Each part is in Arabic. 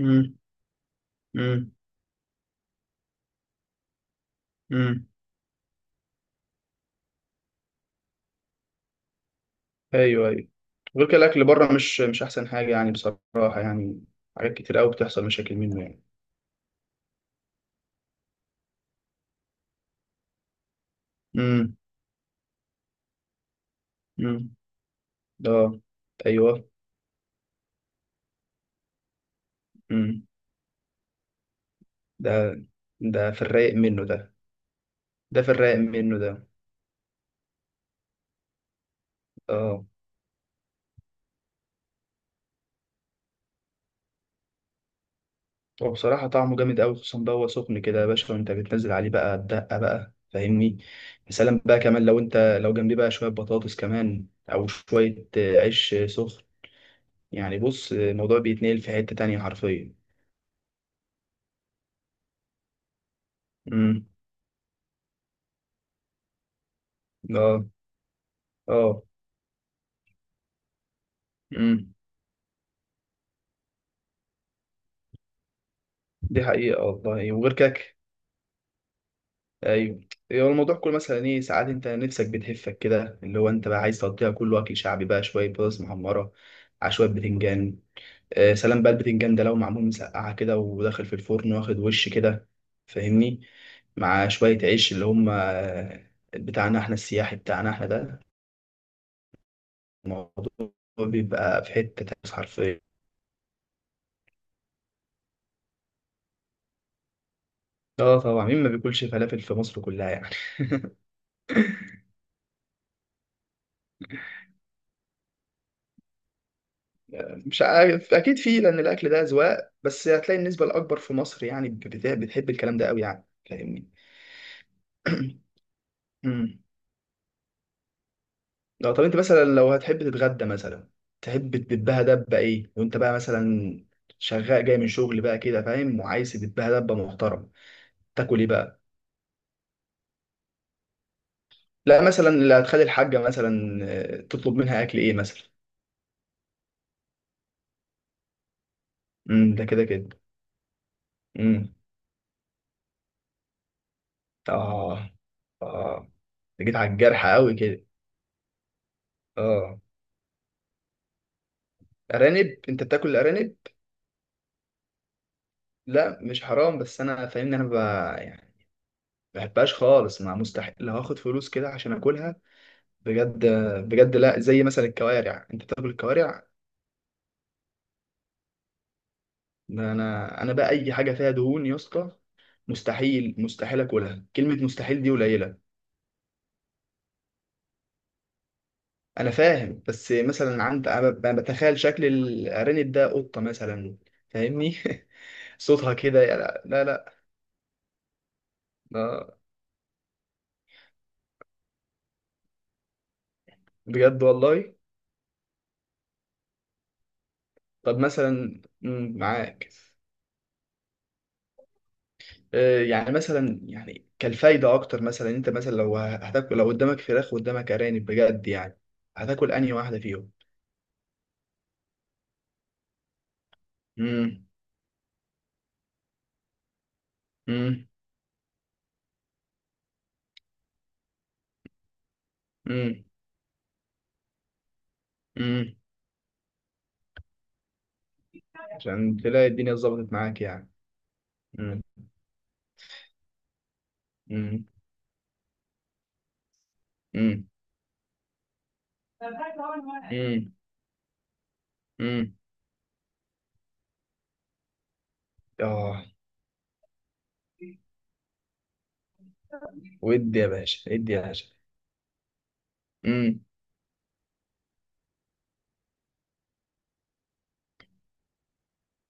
امم امم امم. ايوه، ايوه. غير كده الاكل بره مش احسن حاجه يعني، بصراحه يعني. حاجات كتير قوي بتحصل مشاكل منه يعني. امم امم. ده. ايوه. امم. ده ده في الرايق منه ده. ده في الرايق منه ده. اه، هو بصراحه طعمه جامد قوي، خصوصا بقى هو سخن كده يا باشا، وانت بتنزل عليه بقى الدقه بقى، فاهمني؟ يا سلام بقى كمان، لو انت لو جنبيه بقى شويه بطاطس كمان، او شويه عيش سخن. يعني بص، الموضوع بيتنقل في حته تانية حرفيا. اه. اه. امم. دي حقيقة والله. وغير كده ايوه. هو الموضوع كله مثلا ايه، ساعات انت نفسك بتهفك كده، اللي هو انت بقى عايز تقضيها كله اكل شعبي بقى، شوية بطاطس محمرة على شوية بتنجان. آه سلام بقى، البتنجان ده لو معمول مسقعة كده، وداخل في الفرن واخد وش كده، فاهمني؟ مع شوية عيش اللي هم بتاعنا احنا، السياحي بتاعنا احنا ده، الموضوع بيبقى في حتة تانية حرفيا. اه طبعا، مين ما بياكلش فلافل في مصر كلها يعني مش عارف، اكيد في، لان الاكل ده اذواق، بس هتلاقي النسبه الاكبر في مصر يعني بتحب الكلام ده قوي يعني، فاهمني؟ امم. لو طب انت مثلا لو هتحب تتغدى مثلا، تحب تدبها دبه ايه، وانت بقى مثلا شغال جاي من شغل بقى كده، فاهم؟ وعايز تدبها دبه محترم، تاكل ايه بقى؟ لا مثلا اللي هتخلي الحاجه مثلا، تطلب منها اكل ايه مثلا. امم. ده كده كده. امم. اه. اه. أنت جيت على الجرح قوي كده. اه. ارانب، انت بتاكل الارانب؟ لا مش حرام، بس انا فاهمني، يعني ما بحبهاش خالص، ما مستحيل لو هاخد فلوس كده عشان اكلها. بجد. بجد، لا زي مثلا الكوارع، انت بتاكل الكوارع؟ ده انا بقى اي حاجه فيها دهون يا اسطى، مستحيل. مستحيل اكلها، كلمه مستحيل دي قليله. انا فاهم، بس مثلا عند أنا بتخيل شكل الارانب ده قطه مثلا، فاهمني؟ صوتها كده، لا لا لا. آه، بجد والله. طب مثلا معاك. يعني مثلا يعني كالفايدة أكتر، مثلا أنت مثلا لو هتاكل، لو قدامك فراخ وقدامك أرانب بجد يعني، هتاكل أنهي واحدة فيهم؟ مم. مم. مم. مم. عشان تلاقي الدنيا اتظبطت معاك يعني. مم. مم. مم. مم. مم. آه. ودي يا باشا، ادي يا باشا. مم.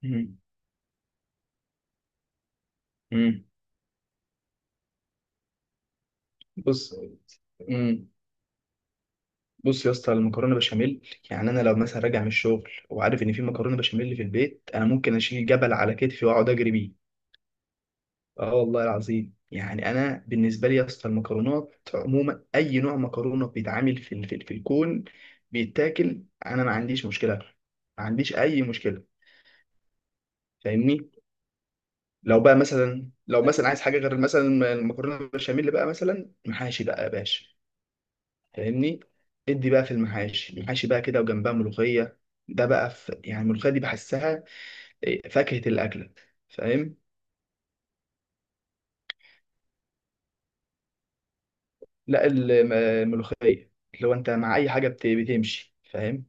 مم. مم. بص. مم. بص يا اسطى، المكرونه بشاميل يعني، انا لو مثلا راجع من الشغل وعارف ان في مكرونه بشاميل في البيت، انا ممكن اشيل جبل على كتفي واقعد اجري بيه. اه والله العظيم، يعني انا بالنسبه لي يا اسطى، المكرونات عموما اي نوع مكرونه بيتعمل في الكون بيتاكل، انا ما عنديش مشكله، ما عنديش اي مشكله، فاهمني. لو بقى مثلا، لو مثلا عايز حاجه غير مثلا المكرونه بشاميل بقى، مثلا محاشي بقى يا باشا، فاهمني. ادي بقى في المحاشي، المحاشي بقى كده وجنبها ملوخيه، ده بقى في يعني الملوخيه دي بحسها فاكهه الاكله، فاهم؟ لا الملوخيه، لو انت مع اي حاجه بتمشي، فاهم؟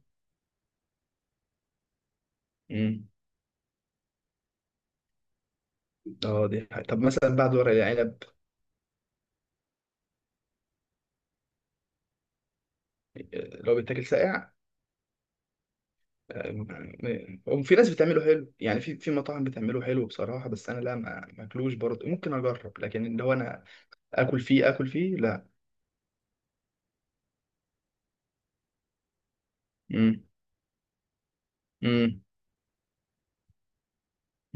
امم. اه دي حاجة. طب مثلا بعد ورق العنب لو بيتاكل ساقع. وفي ناس بتعمله حلو يعني، في في مطاعم بتعمله حلو بصراحه، بس انا لا، ما ماكلوش برضه، ممكن اجرب، لكن اللي هو انا اكل فيه، اكل فيه لا. امم. امم.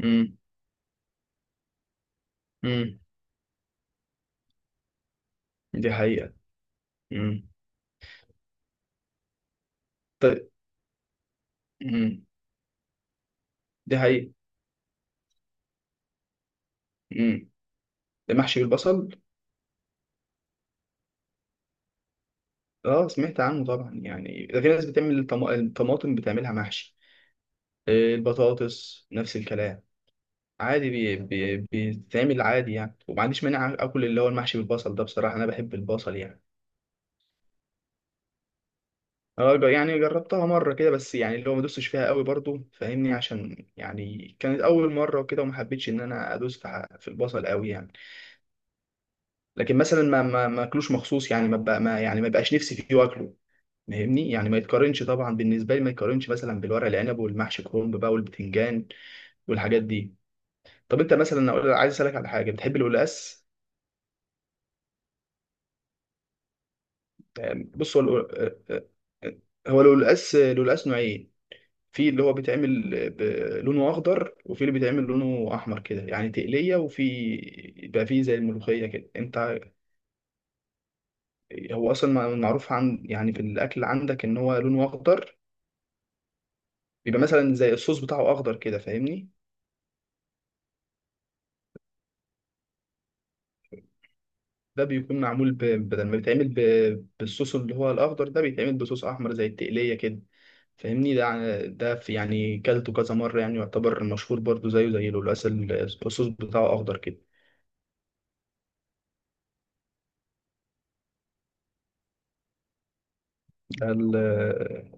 امم. امم. دي حقيقه. مم. طيب. مم. دي حقيقة. مم. المحشي بالبصل. اه سمعت عنه طبعا يعني، ده في ناس بتعمل الطماطم بتعملها محشي، البطاطس نفس الكلام، عادي بيتعمل عادي يعني، وما عنديش مانع اكل اللي هو المحشي بالبصل ده، بصراحة انا بحب البصل يعني. اه يعني جربتها مرة كده، بس يعني اللي هو ما دوستش فيها قوي برضو، فاهمني؟ عشان يعني كانت اول مرة وكده، وما حبيتش ان انا ادوس في البصل قوي يعني. لكن مثلا ما اكلوش مخصوص يعني، ما بقى ما يعني ما بقاش نفسي فيه واكله، فاهمني. يعني ما يتقارنش طبعا بالنسبه لي، ما يتقارنش مثلا بالورق العنب والمحشي كرنب بقى والبتنجان والحاجات دي. طب انت مثلا عايز اسالك على حاجه، بتحب القلقاس؟ يعني بص، هو هو القلقاس، القلقاس نوعين. في اللي هو بيتعمل لونه اخضر، وفي اللي بيتعمل لونه احمر كده، يعني تقليه، وفي يبقى فيه زي الملوخيه كده انت. هو اصلا معروف عن يعني في الاكل عندك، ان هو لونه اخضر، بيبقى مثلا زي الصوص بتاعه اخضر كده، فاهمني. ده بيكون معمول بدل ما بيتعمل بالصوص اللي هو الأخضر ده، بيتعمل بصوص أحمر زي التقلية كده، فاهمني. ده في يعني كلته كذا مرة يعني، يعتبر مشهور برضو زيه زي القلقاس الصوص بتاعه أخضر كده. ده ال-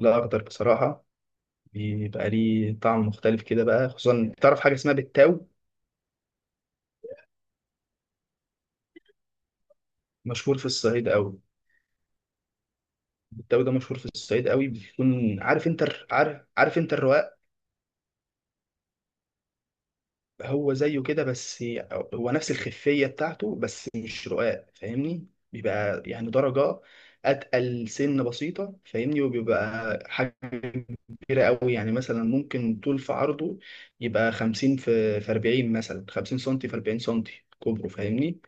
الأخضر بصراحة، بيبقى ليه طعم مختلف كده بقى، خصوصا تعرف حاجة اسمها بالتاو. مشهور في الصعيد أوي. التاو ده مشهور في الصعيد أوي، بيكون عارف أنت عارف، عارف أنت الرقاق؟ هو زيه كده بس، هو نفس الخفية بتاعته، بس مش رقاق فاهمني. بيبقى يعني درجة أتقل سن بسيطة، فاهمني. وبيبقى حاجة كبيرة قوي يعني، مثلا ممكن طول في عرضه يبقى 50 في 40 مثلا، 50 سنتي في 40 سنتي كبره، فاهمني.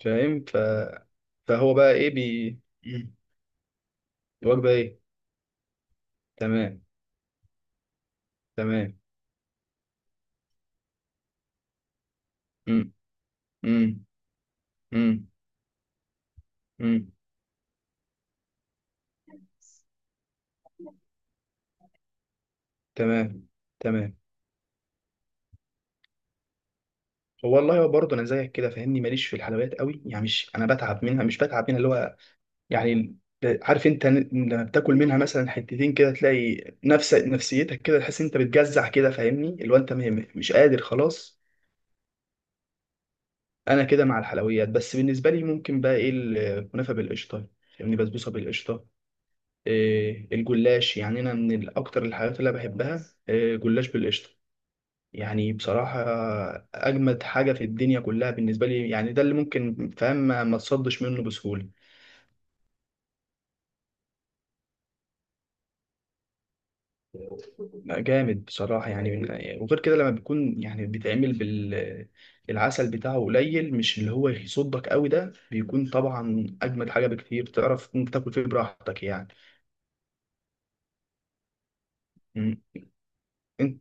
فاهم. ف- فهو بقى إيه بي مم. الوجبة إيه؟ تمام. تمام. مم. مم. مم. مم. تمام. تمام. والله برضه انا زيك كده فاهمني، ماليش في الحلويات قوي يعني، مش انا بتعب منها، مش بتعب منها اللي هو يعني. عارف انت لما بتاكل منها مثلا حتتين كده، تلاقي نفس نفسيتك كده، تحس انت بتجزع كده فاهمني، اللي هو انت مش قادر خلاص. انا كده مع الحلويات. بس بالنسبه لي ممكن بقى ايه، الكنافه بالقشطه فاهمني، بسبوسه بالقشطه، إيه الجلاش. يعني انا من اكتر الحاجات اللي أنا بحبها إيه، جلاش بالقشطه، يعني بصراحة أجمد حاجة في الدنيا كلها بالنسبة لي يعني، ده اللي ممكن فاهم ما ما تصدش منه بسهولة. جامد بصراحة يعني يعني، وغير كده لما بيكون يعني بيتعمل بال العسل بتاعه قليل، مش اللي هو يصدك قوي ده، بيكون طبعا أجمد حاجة بكتير، تعرف إنت تاكل فيه براحتك يعني. مم. انت.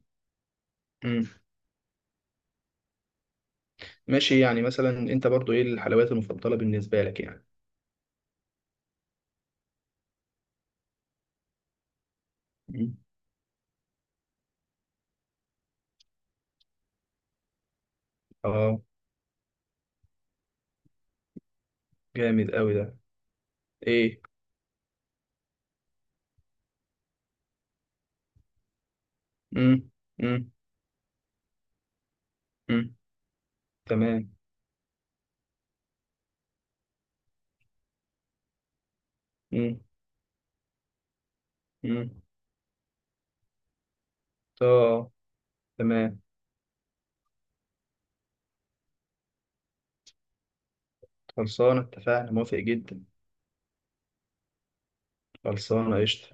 مم. ماشي. يعني مثلا أنت برضو إيه الحلويات المفضلة بالنسبة لك يعني؟ مم. آه. جامد قوي ده. إيه. مم. مم. مم. تمام. مم. مم. طب. تمام. خلصانة، اتفقنا، موافق جدا. خلصانة قشطة.